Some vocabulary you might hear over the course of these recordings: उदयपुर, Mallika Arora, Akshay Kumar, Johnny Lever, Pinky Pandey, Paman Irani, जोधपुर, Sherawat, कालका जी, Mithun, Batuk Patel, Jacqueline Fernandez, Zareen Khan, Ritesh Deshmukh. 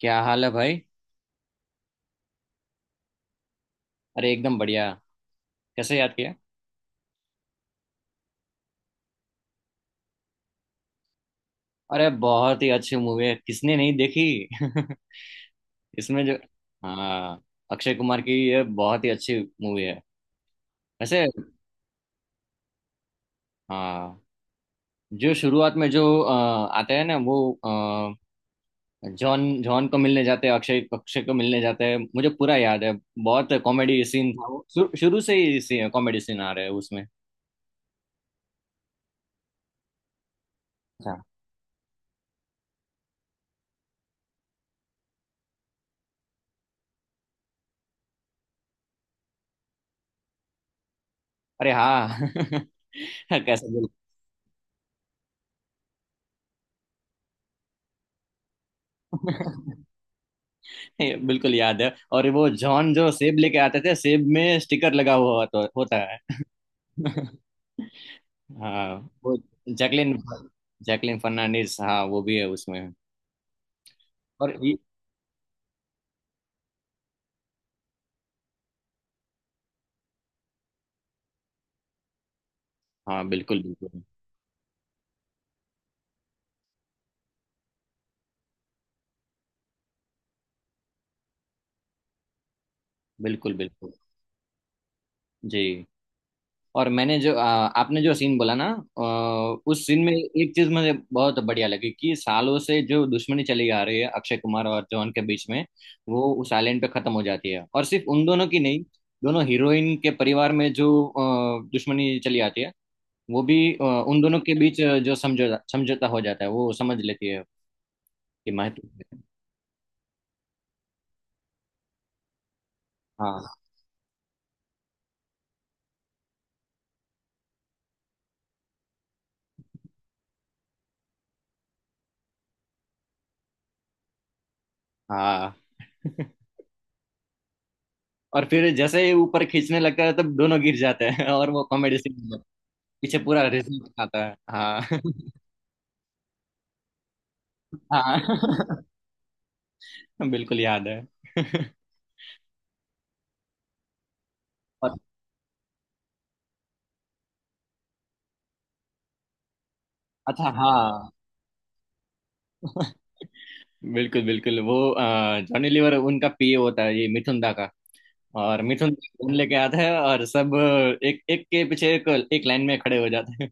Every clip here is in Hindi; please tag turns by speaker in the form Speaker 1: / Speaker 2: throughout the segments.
Speaker 1: क्या हाल है भाई। अरे एकदम बढ़िया। कैसे याद किया। अरे बहुत ही अच्छी मूवी है, किसने नहीं देखी। इसमें जो हाँ। अक्षय कुमार की ये बहुत ही अच्छी मूवी है, वैसे। हाँ। जो शुरुआत में जो आते हैं ना वो अ, जॉन जॉन को मिलने जाते हैं, अक्षय अक्षय को मिलने जाते हैं, मुझे पूरा याद है। बहुत कॉमेडी सीन था वो, शुरू शुरू से ही कॉमेडी सीन आ रहे हैं उसमें। अच्छा। अरे हाँ। कैसे। बोल। ये बिल्कुल याद है और वो जॉन जो सेब लेके आते थे, सेब में स्टिकर लगा हुआ होता होता है। हाँ। वो जैकलिन, जैकलिन फर्नांडिस। हाँ, वो भी है उसमें। और ये- हाँ, बिल्कुल बिल्कुल। बिल्कुल बिल्कुल। जी। और मैंने जो आपने जो सीन बोला ना, उस सीन में एक चीज मुझे बहुत बढ़िया लगी कि सालों से जो दुश्मनी चली आ रही है अक्षय कुमार और जॉन के बीच में, वो उस आइलैंड पे खत्म हो जाती है। और सिर्फ उन दोनों की नहीं, दोनों हीरोइन के परिवार में जो दुश्मनी चली आती है, वो भी उन दोनों के बीच जो समझौता समझौता हो जाता है, वो समझ लेती है कि महत्व। हाँ हाँ। और फिर जैसे ही ऊपर खींचने लगता है तब दोनों गिर जाते हैं, और वो कॉमेडी सीन पीछे पूरा रिजल्ट आता है। हाँ। हाँ। बिल्कुल याद है। और अच्छा। हाँ, बिल्कुल बिल्कुल। वो जॉनी लीवर उनका पीए होता है, ये मिथुन दा का। और मिथुन फोन लेके आता है, और सब एक एक के पीछे एक एक लाइन में खड़े हो जाते हैं।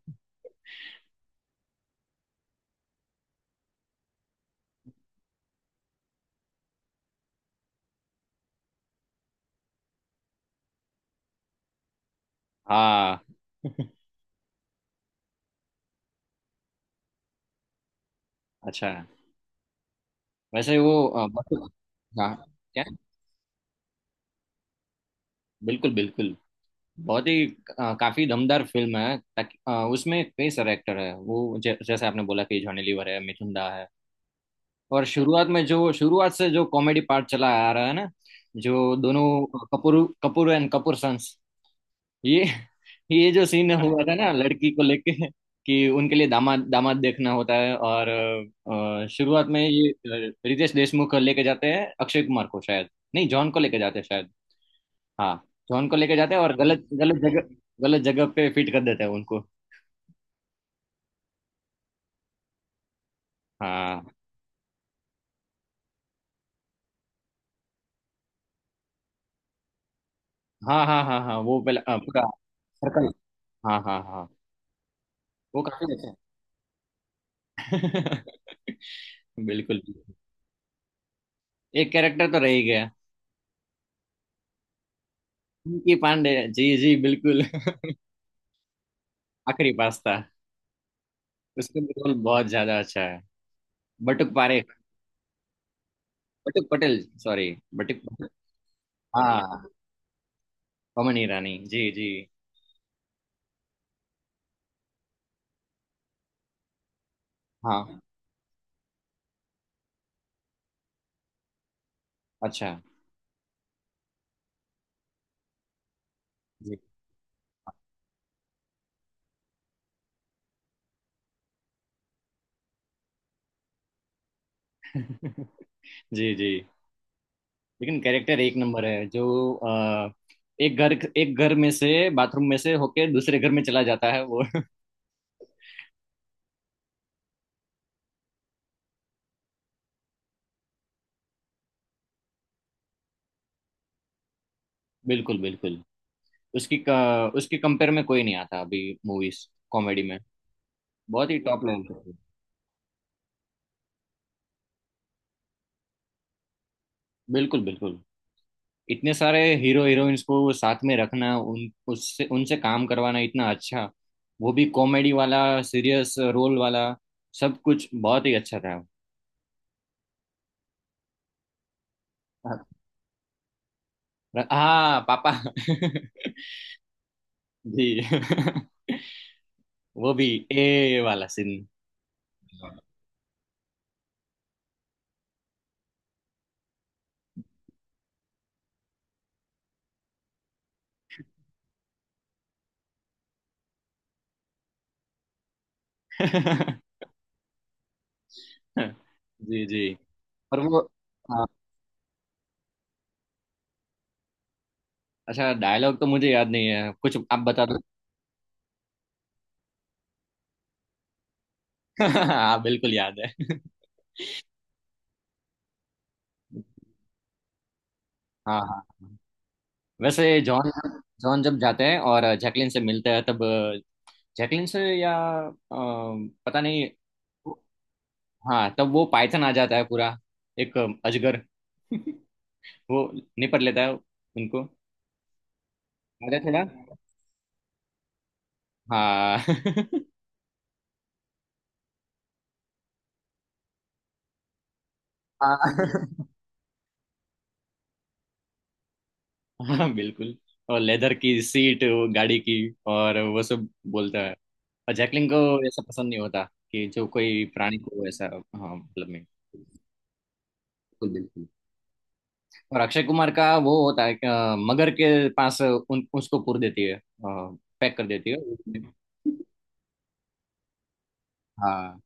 Speaker 1: हाँ। अच्छा। वैसे वो बहुत- हाँ। क्या। बिल्कुल बिल्कुल। बहुत ही काफी दमदार फिल्म है, ताकि उसमें कई सारे एक्टर है वो, जैसे आपने बोला कि जॉनी लीवर है, मिथुन दा है। और शुरुआत में जो शुरुआत से जो कॉमेडी पार्ट चला आ रहा है ना, जो दोनों कपूर, कपूर एंड कपूर सन्स, ये ये जो सीन हुआ था ना लड़की को लेके, कि उनके लिए दामाद दामाद देखना होता है। और शुरुआत में ये रितेश देशमुख को लेके जाते हैं अक्षय कुमार को शायद, नहीं जॉन को लेके जाते हैं शायद। हाँ। जॉन को लेके जाते हैं और गलत गलत जगह, गलत जगह पे फिट कर देते हैं उनको। हाँ हाँ हाँ हाँ। हाँ वो पहले पूरा सर्कल। हाँ हाँ हाँ। वो काफी अच्छा है। बिल्कुल बिल्कुल। एक कैरेक्टर तो रह ही गया, पिंकी पांडे। जी जी बिल्कुल। आखिरी पास्ता। उसका भी रोल बहुत ज्यादा अच्छा है। बटुक पारे, बटुक पटेल सॉरी। बटुक पटेल। हाँ, पमन ईरानी जी जी। हाँ। अच्छा। जी। जी जी। लेकिन कैरेक्टर एक नंबर है, जो एक घर, एक घर में से बाथरूम में से होके दूसरे घर में चला जाता है वो। बिल्कुल बिल्कुल। उसकी कंपेयर में कोई नहीं आता अभी। मूवीज कॉमेडी में बहुत ही टॉप लेवल पे। बिल्कुल बिल्कुल। इतने सारे हीरो हीरोइंस को साथ में रखना, उन उससे उनसे काम करवाना इतना अच्छा। वो भी कॉमेडी वाला, सीरियस रोल वाला, सब कुछ बहुत ही अच्छा था। हाँ पापा। जी। वो भी ए वाला सीन। जी जी। पर वो हाँ, अच्छा, डायलॉग तो मुझे याद नहीं है, कुछ आप बता दो। हाँ बिल्कुल याद है। हाँ हाँ। वैसे जॉन जॉन जब जाते हैं और जैकलिन से मिलते हैं तब, जैकलिन से या अ, पता नहीं। हाँ तब वो पाइथन आ जाता है पूरा, एक अजगर। वो निपट लेता है उनको। याद है थोड़ा। हाँ। हाँ हाँ, बिल्कुल। और लेदर की सीट वो गाड़ी की, और वो सब बोलता है। और जैकलिन को ऐसा पसंद नहीं होता, कि जो कोई प्राणी को ऐसा, हाँ मतलब में। बिल्कुल बिल्कुल। और अक्षय कुमार का वो होता है कि मगर के पास उसको पूर देती है, पैक कर देती है। हाँ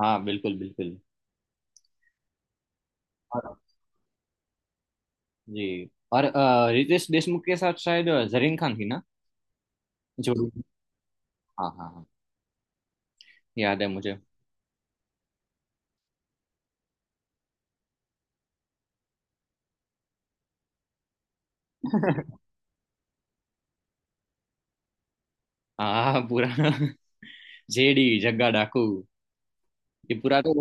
Speaker 1: हाँ। बिल्कुल बिल्कुल। और जी। और रितेश देशमुख के साथ शायद जरीन खान थी ना, जो हाँ हाँ हाँ। याद है मुझे। हाँ पूरा जेडी, जग्गा डाकू, ये पूरा तो।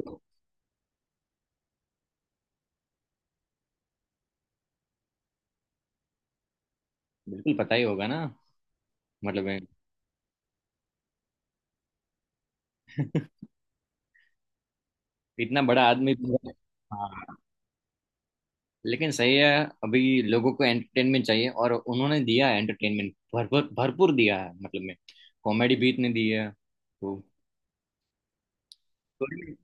Speaker 1: बिल्कुल पता ही होगा ना, मतलब ये इतना बड़ा आदमी। हाँ, लेकिन सही है। अभी लोगों को एंटरटेनमेंट चाहिए और उन्होंने दिया है एंटरटेनमेंट, भरपूर भरपूर दिया है मतलब में। कॉमेडी भी इतने दी है तो। स्टोरी में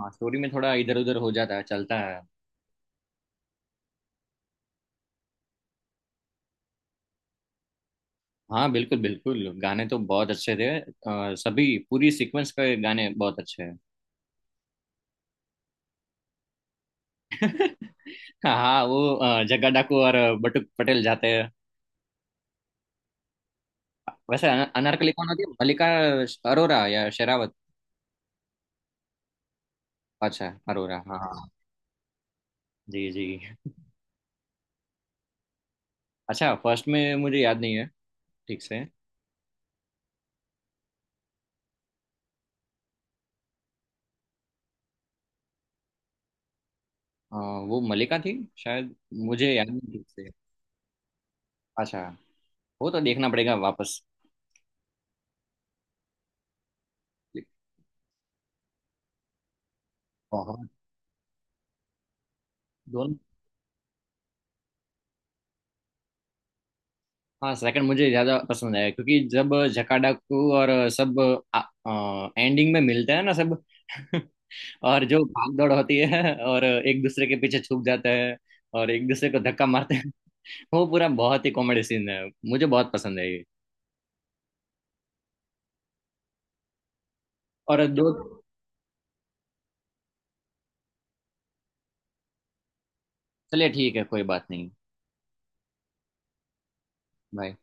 Speaker 1: हाँ, स्टोरी में थोड़ा इधर उधर हो जाता है, चलता है। हाँ बिल्कुल बिल्कुल, गाने तो बहुत अच्छे थे, सभी पूरी सीक्वेंस के गाने बहुत अच्छे हैं। हाँ हाँ, वो जग्गा डाकू और बटुक पटेल जाते हैं। वैसे अनारकली कौन होती है, मल्लिका अरोरा या शेरावत। अच्छा अरोरा, हाँ हाँ। जी जी। अच्छा, फर्स्ट में मुझे याद नहीं है ठीक से। हाँ वो मलिका थी शायद, मुझे याद नहीं ठीक से। अच्छा, वो तो देखना पड़ेगा वापस। बहुत। दोनों। हाँ सेकंड मुझे ज्यादा पसंद है, क्योंकि जब जकाडा को और सब एंडिंग में मिलते हैं ना सब। और जो भाग दौड़ होती है, और एक दूसरे के पीछे छुप जाते हैं, और एक दूसरे को धक्का मारते हैं। वो पूरा बहुत ही कॉमेडी सीन है, मुझे बहुत पसंद है ये। और दो। चलिए ठीक है, कोई बात नहीं। बाय।